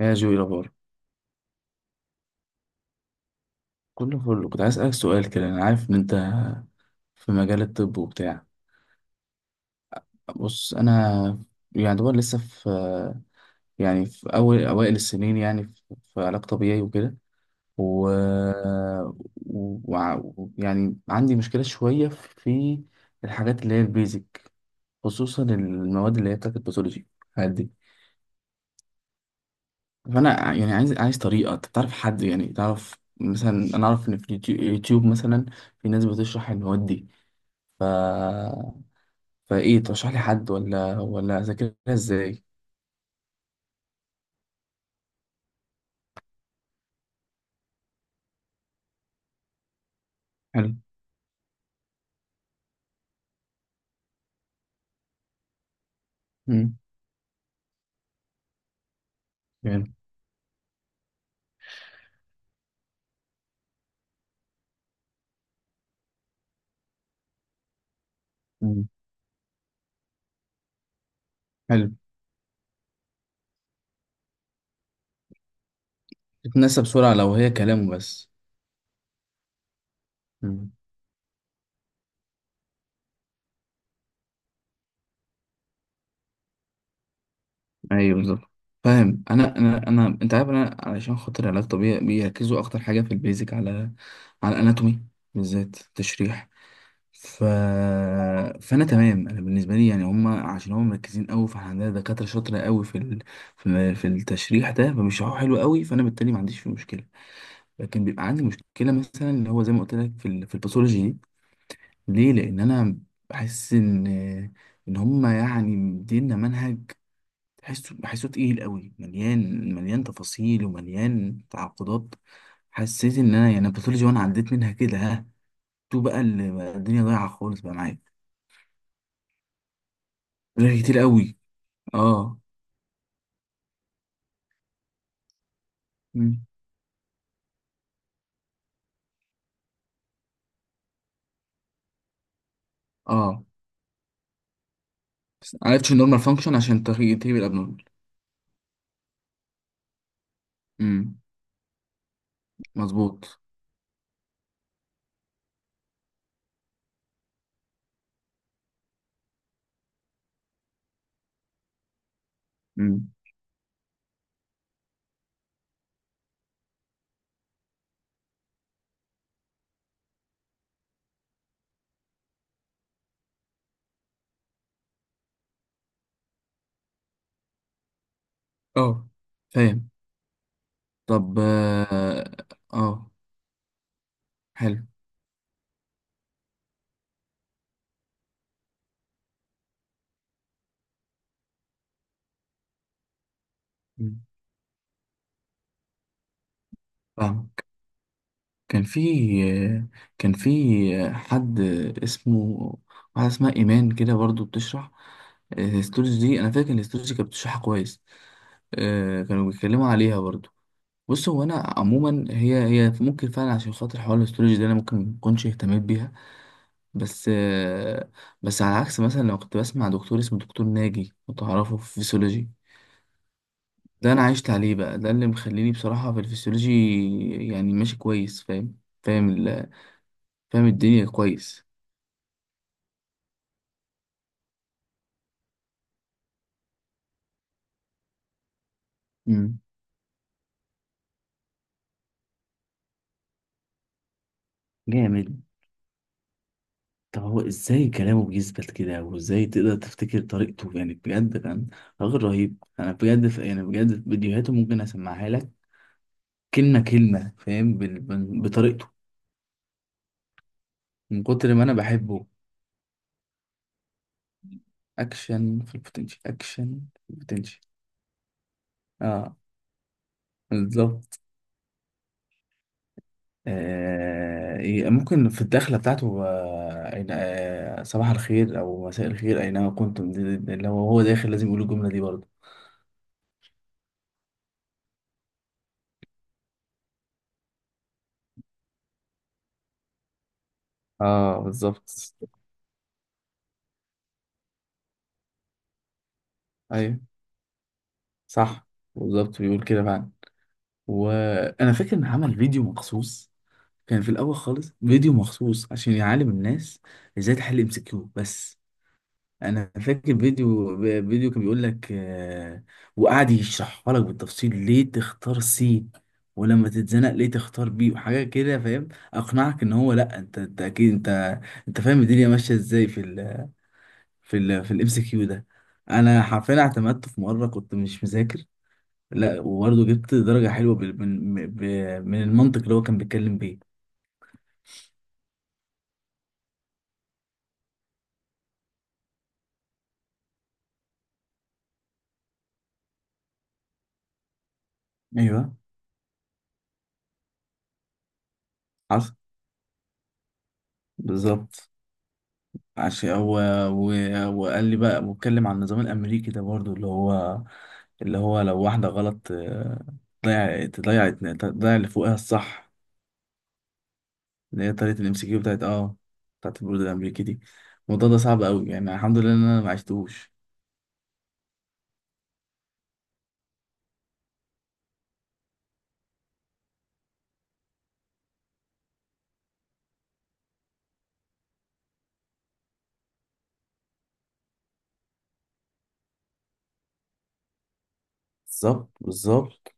يا جوي، إيه الأخبار؟ كله فل. كنت عايز أسألك سؤال كده، أنا عارف إن أنت في مجال الطب وبتاع. بص أنا يعني دوبار لسه في، يعني في أول أوائل السنين، يعني في علاج طبيعي وكده. و... يعني عندي مشكلة شوية في الحاجات اللي هي البيزك، خصوصا المواد اللي هي بتاعت الباثولوجي، الحاجات دي. يعني عايز طريقة. أنت تعرف حد يعني؟ تعرف مثلا، أنا أعرف إن في يوتيوب مثلا في ناس بتشرح المواد دي. فايه ترشح لي حد ولا اذاكرها ازاي؟ حلو. مم. يعني. مم. حلو. تتنسى بسرعه لو هي كلامه بس. مم. ايوه بالظبط. فاهم. انا انت عارف، انا علشان خاطر علاج طبيعي بيركزوا اكتر حاجه في البيزك على على الاناتومي، بالذات تشريح. ف... فانا تمام. انا بالنسبه لي يعني هم، عشان هم مركزين قوي، فاحنا عندنا دكاتره شاطره قوي في التشريح ده، فبيشرحوه حلو قوي. فانا بالتالي ما عنديش فيه مشكله. لكن بيبقى عندي مشكله مثلا اللي هو زي ما قلت لك في الباثولوجي دي. ليه؟ لان انا بحس ان هم يعني مدينا منهج تحسه بحسه تقيل قوي، مليان مليان تفاصيل ومليان تعقدات. حسيت ان انا يعني الباثولوجي، وانا عديت منها كده ها، تو بقى اللي بقى الدنيا ضايعه خالص بقى معايا. غير كتير قوي. اه. مم. اه بس عرفتش النورمال فانكشن عشان تغير تغيب الابنورمال. امم. مظبوط. امم. اه فاهم. طب اه. آه، حلو. مم. فاهمك. كان في كان في حد اسمه، واحدة اسمها إيمان كده برضو بتشرح الهيستولوجي دي. أنا فاكر إن الهيستولوجي كانت بتشرحها كويس. آه، كانوا بيتكلموا عليها برضو. بص هو أنا عموما، هي ممكن فعلا عشان خاطر حوار الهيستولوجي ده أنا ممكن مكنش اهتميت بيها. بس آه، بس على عكس مثلا لو كنت بسمع دكتور اسمه دكتور ناجي، لو تعرفه، في فيسيولوجي. ده انا عشت عليه بقى، ده اللي مخليني بصراحة في الفسيولوجي يعني ماشي كويس. فاهم فاهم فاهم الدنيا كويس. امم. جامد. طب هو ازاي كلامه بيثبت كده؟ وازاي تقدر تفتكر طريقته؟ يعني بجد كان راجل رهيب. انا بجد يعني بجد فيديوهاته ممكن اسمعها لك كلمة كلمة، فاهم، بطريقته، من كتر ما انا بحبه. اكشن في البوتنشال، اكشن في البوتنشال. اه بالظبط. آه، ممكن في الدخلة بتاعته، صباح الخير أو مساء الخير أينما كنتم. اللي هو داخل لازم يقول الجملة دي برضه. اه بالظبط. أيوه. صح. بالظبط بيقول كده فعلا. وأنا فاكر إن عمل فيديو مخصوص، كان في الأول خالص فيديو مخصوص عشان يعلم الناس إزاي تحل ام سي كيو بس. انا فاكر فيديو، فيديو كان بيقول لك آه، وقعد يشرحها لك بالتفصيل ليه تختار سي، ولما تتزنق ليه تختار بي، وحاجات كده، فاهم. اقنعك ان هو، لا، انت، انت اكيد انت فاهم الدنيا ماشيه ازاي في الام سي كيو ده. انا حرفيا اعتمدته في مره كنت مش مذاكر، لا، وبرضه جبت درجه حلوه من المنطق اللي هو كان بيتكلم بيه. ايوه. حصل. بالظبط. عشان هو، وقال لي بقى واتكلم عن النظام الامريكي ده برضو، اللي هو اللي هو لو واحده غلط آه، تضيع تضيع تضيع اللي فوقها الصح. اللي هي طريقه الام سي كيو بتاعت اه بتاعت البرود الامريكي دي. الموضوع ده صعب قوي يعني، الحمد لله ان انا ما عشتوش. بالظبط بالظبط.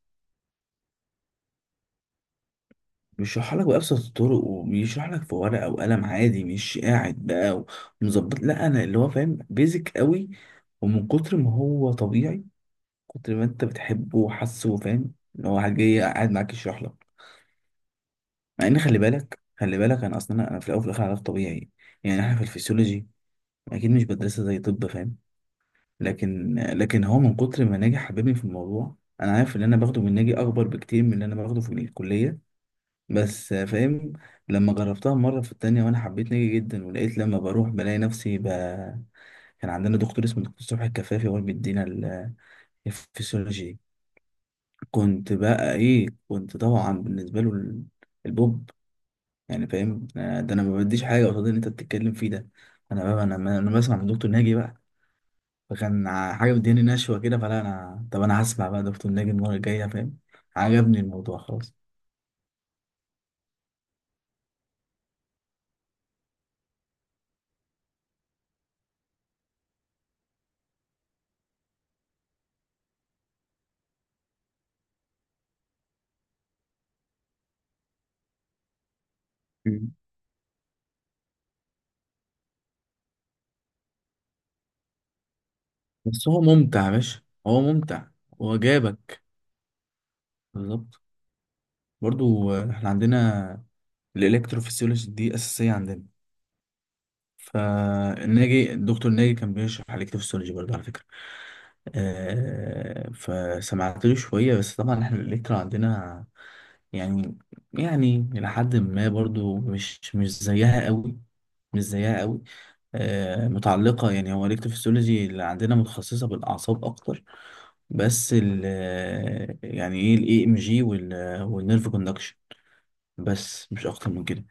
بيشرح لك بأبسط الطرق، وبيشرح لك في ورقة وقلم عادي، مش قاعد بقى ومظبط. لا، انا اللي هو فاهم بيزك قوي، ومن كتر ما هو طبيعي، كتر ما انت بتحبه وحاسه، فاهم، ان هو حاجة جاي قاعد معاك يشرح لك. مع ان خلي بالك خلي بالك، انا اصلا أنا في الاول وفي الاخر علاج طبيعي يعني. احنا في الفسيولوجي اكيد مش بدرسها زي طب، فاهم. لكن هو من كتر ما ناجي حببني في الموضوع، انا عارف اللي انا باخده من ناجي اكبر بكتير من اللي انا باخده في الكلية، بس، فاهم. لما جربتها مرة في التانية وانا حبيت ناجي جدا، ولقيت لما بروح بلاقي نفسي كان عندنا دكتور اسمه دكتور صبحي الكفافي هو اللي بيدينا الفسيولوجي دي. كنت بقى ايه، كنت طبعا بالنسبه له البوب يعني، فاهم، آه، ده انا ما بديش حاجه قصاد اللي انت بتتكلم فيه ده. انا بقى انا بسمع من دكتور ناجي بقى. حاجه مدياني نشوه كده، فلا انا طب انا هسمع بقى دكتور ناجي المره الجايه، فاهم. عجبني الموضوع خلاص. مم. بس هو ممتع يا باشا. هو ممتع. هو جابك. بالظبط. برضو آه، احنا عندنا الالكتروفيسيولوجي دي اساسيه عندنا. فالناجي الدكتور ناجي كان بيشرح على الكتروفيسيولوجي برضه، على فكرة. آه، فسمعت له شوية، بس طبعا احنا الإلكترا عندنا يعني، يعني لحد ما برضه مش زيها قوي. مش زيها قوي. آه، متعلقة يعني، هو الإلكتروفيسيولوجي اللي عندنا متخصصة بالأعصاب أكتر. بس ال يعني إيه ال EMG والنيرف كوندكشن. بس مش أكتر من كده.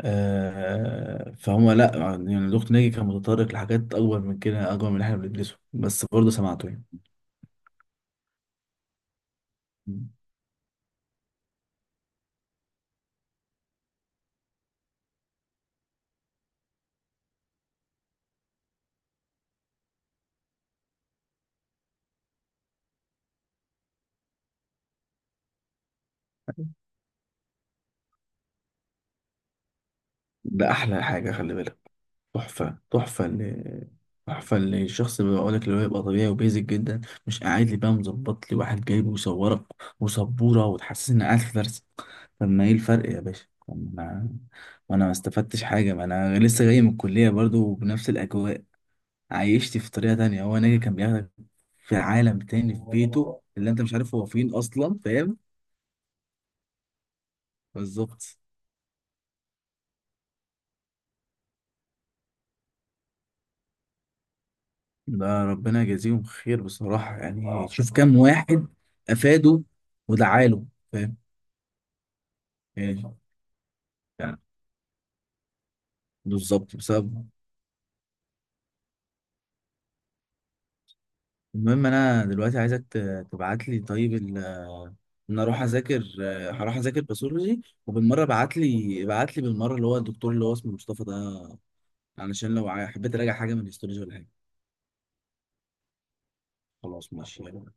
آه فهم. لا يعني الدكتور ناجي كان متطرق لحاجات اكبر من كده، اكبر من اللي احنا بندرسه، بس برضه سمعته يعني. ده احلى حاجه خلي بالك. تحفه تحفه اللي تحفه اللي الشخص اللي بيقول لك اللي هو يبقى طبيعي وبيزك جدا، مش قاعد لي بقى مظبط لي واحد جايبه ويصورك وسبوره، وتحسسني اني قاعد في درس. طب ما ايه الفرق يا باشا؟ طب ما انا ما استفدتش حاجه، ما انا لسه جاي من الكليه برضه بنفس الاجواء، عايشت في طريقة تانية. هو ناجي كان بياخدك في عالم تاني، في بيته اللي انت مش عارف هو فين اصلا، فاهم. بالظبط. ده ربنا يجازيهم خير بصراحة يعني. شوف كام واحد افاده ودعاله، فاهم، يعني، يعني بالظبط بسبب. المهم، انا دلوقتي عايزك تبعت لي طيب ان اروح اذاكر. هروح اذاكر باثولوجي، وبالمره ابعت لي بالمره اللي هو الدكتور اللي هو اسمه مصطفى ده علشان لو حبيت اراجع حاجه من الهيستولوجي ولا حاجه. خلاص ماشي يلا.